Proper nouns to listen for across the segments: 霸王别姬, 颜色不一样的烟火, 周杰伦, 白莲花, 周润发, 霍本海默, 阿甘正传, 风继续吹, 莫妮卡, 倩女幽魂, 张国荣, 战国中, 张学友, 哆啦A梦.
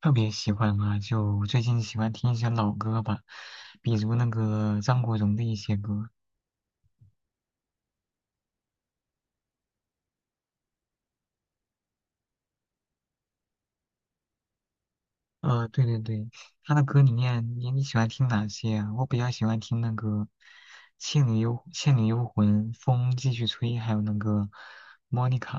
特别喜欢嘛，就最近喜欢听一些老歌吧，比如那个张国荣的一些歌。对对对，他的歌里面你喜欢听哪些啊？我比较喜欢听那个《倩女幽魂》《风继续吹》，还有那个《莫妮卡》。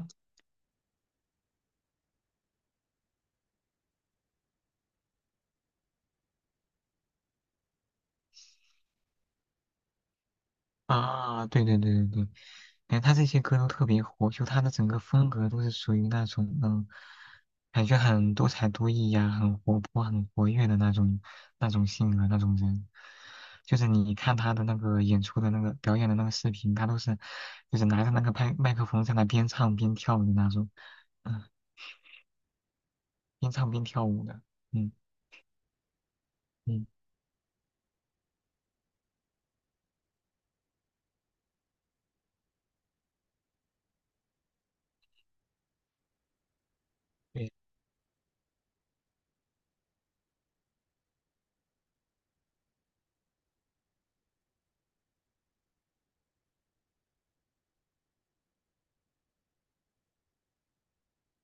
啊，对对对对对，感觉他这些歌都特别火，就他的整个风格都是属于那种感觉很多才多艺呀、很活泼、很活跃的那种性格那种人。就是你看他的那个演出的那个表演的那个视频，他都是就是拿着那个麦克风在那边唱边跳的那种，嗯，边唱边跳舞的，嗯嗯。对。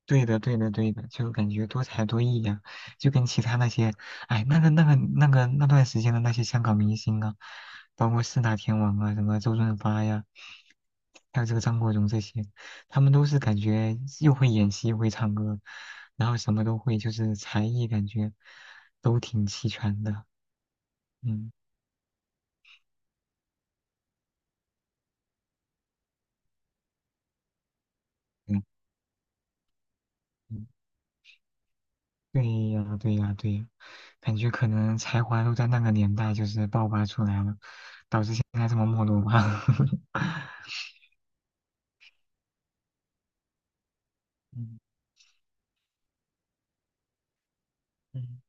对的，对的，对的，就感觉多才多艺呀、就跟其他那些，哎，那个那段时间的那些香港明星啊，包括四大天王啊，什么周润发呀，还有这个张国荣这些，他们都是感觉又会演戏，又会唱歌，然后什么都会，就是才艺感觉都挺齐全的。嗯，对，嗯对呀，对呀，对呀，感觉可能才华都在那个年代就是爆发出来了，导致现在这么没落吧。嗯嗯，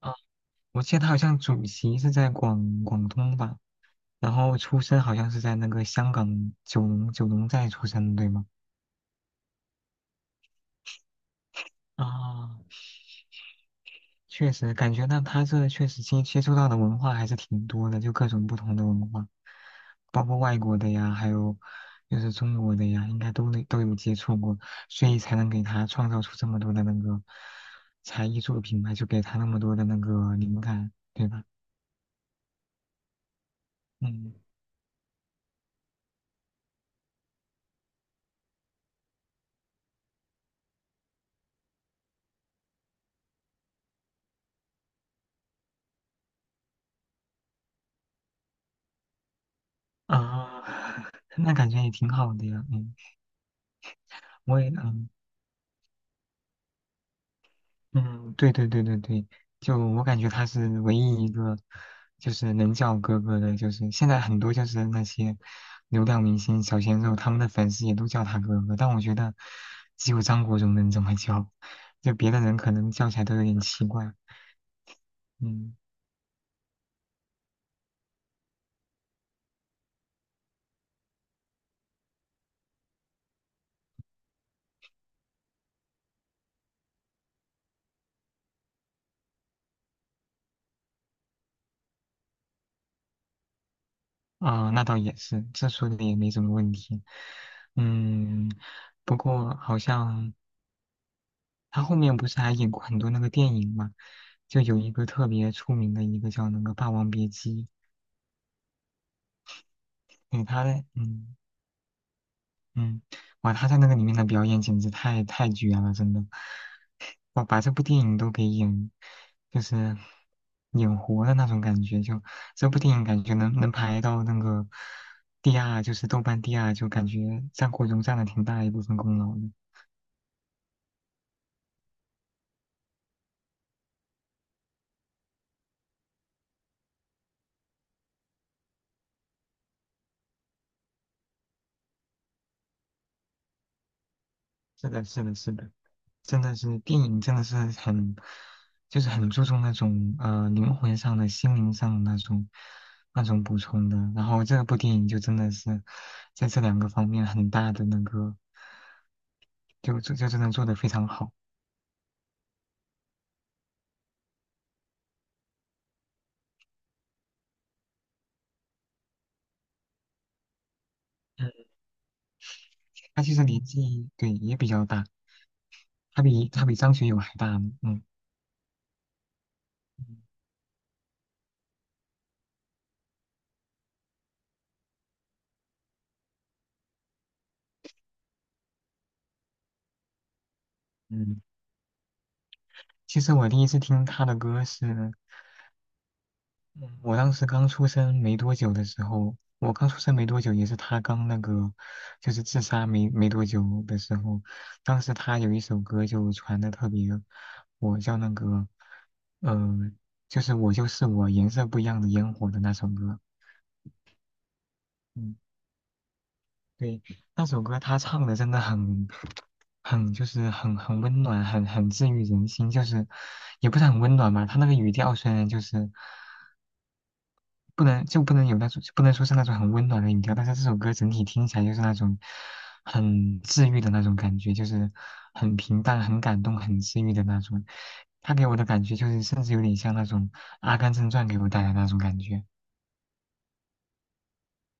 啊，我记得他好像主席是在广东吧，然后出生好像是在那个香港九龙寨出生的，对吗？啊，确实，感觉到他这确实接触到的文化还是挺多的，就各种不同的文化，包括外国的呀，还有就是中国的呀，应该都能都有接触过，所以才能给他创造出这么多的那个才艺作品吧，就给他那么多的那个灵感，对吧？嗯啊，那感觉也挺好的呀，嗯，我也嗯。嗯，对对对对对，就我感觉他是唯一一个，就是能叫哥哥的，就是现在很多就是那些流量明星、小鲜肉，他们的粉丝也都叫他哥哥，但我觉得只有张国荣能这么叫，就别的人可能叫起来都有点奇怪。嗯，啊、那倒也是，这说的也没什么问题。嗯，不过好像他后面不是还演过很多那个电影嘛，就有一个特别出名的一个叫那个《霸王别姬》。嗯，他在，嗯嗯，哇，他在那个里面的表演简直太绝了，真的，哇，把这部电影都给演，就是演活的那种感觉，就这部电影感觉能排到那个第二，就是豆瓣第二，就感觉《战国中》占了挺大一部分功劳的。是的，是的，是的，真的是电影真的是很，就是很注重那种灵魂上的、心灵上的那种补充的。然后这部电影就真的是在这两个方面很大的那个，就真的做得非常好。嗯，他其实年纪对也比较大，他比张学友还大呢。嗯嗯，其实我第一次听他的歌是嗯我当时刚出生没多久的时候，我刚出生没多久，也是他刚那个，就是自杀没多久的时候，当时他有一首歌就传的特别火，叫那个，呃，就是我就是我，颜色不一样的烟火的那首歌。嗯，对，那首歌他唱的真的很，很就是很温暖，很治愈人心，就是也不是很温暖吧，他那个语调虽然就是。不能就不能有那种，不能说是那种很温暖的音调，但是这首歌整体听起来就是那种很治愈的那种感觉，就是很平淡、很感动、很治愈的那种。他给我的感觉就是，甚至有点像那种《阿甘正传》给我带来的那种感觉。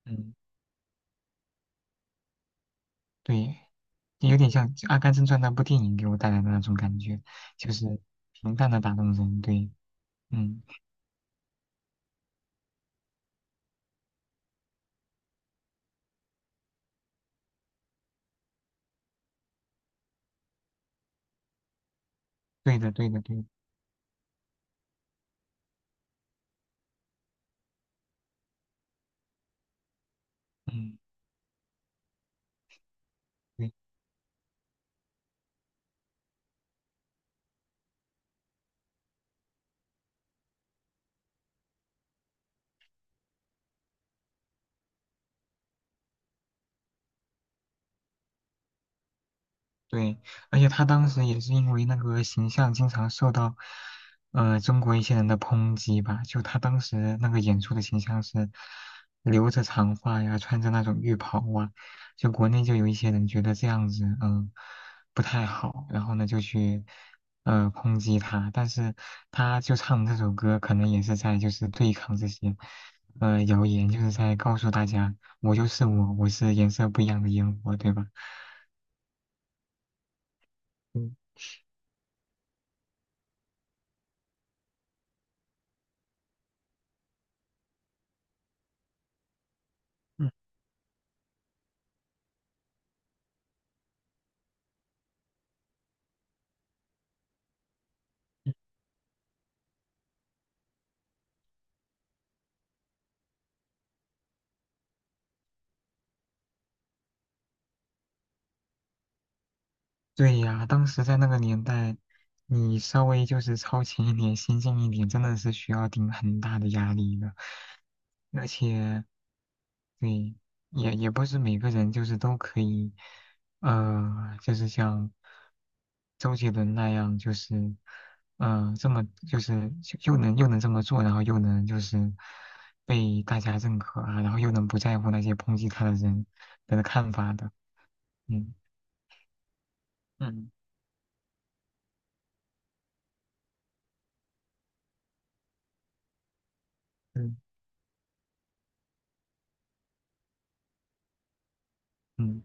嗯，对，也有点像《阿甘正传》那部电影给我带来的那种感觉，就是平淡的打动人。对，嗯，对的，对的，对的，嗯。对。对，而且他当时也是因为那个形象经常受到，中国一些人的抨击吧。就他当时那个演出的形象是留着长发呀，穿着那种浴袍啊，就国内就有一些人觉得这样子，嗯，不太好，然后呢就去，抨击他。但是他就唱这首歌，可能也是在就是对抗这些，谣言，就是在告诉大家，我就是我，我是颜色不一样的烟火，对吧？对呀，当时在那个年代，你稍微就是超前一点、先进一点，真的是需要顶很大的压力的。而且，对，也不是每个人就是都可以，就是像周杰伦那样，就是，这么就是就又能这么做，然后又能就是被大家认可啊，然后又能不在乎那些抨击他的人的看法的，嗯嗯嗯嗯。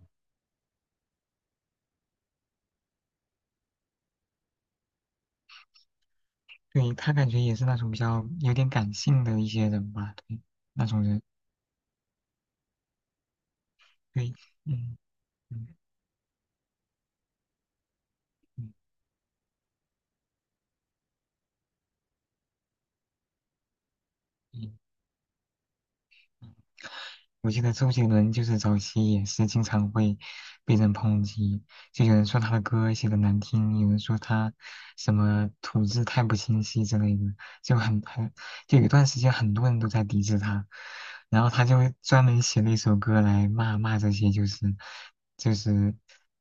对，他感觉也是那种比较有点感性的一些人吧，对，那种人，对，嗯嗯嗯嗯，我记得周杰伦就是早期也是经常会被人抨击，就有人说他的歌写的难听，有人说他什么吐字太不清晰之类的，就很就有一段时间很多人都在抵制他，然后他就专门写了一首歌来骂骂这些就是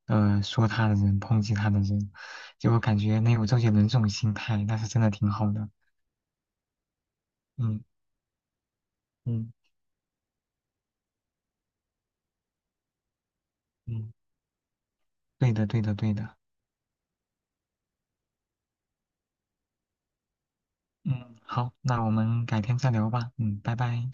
说他的人抨击他的人，就我感觉能有周杰伦这种心态，那是真的挺好的，嗯嗯嗯，对的对的对的。嗯，好，那我们改天再聊吧。嗯，拜拜。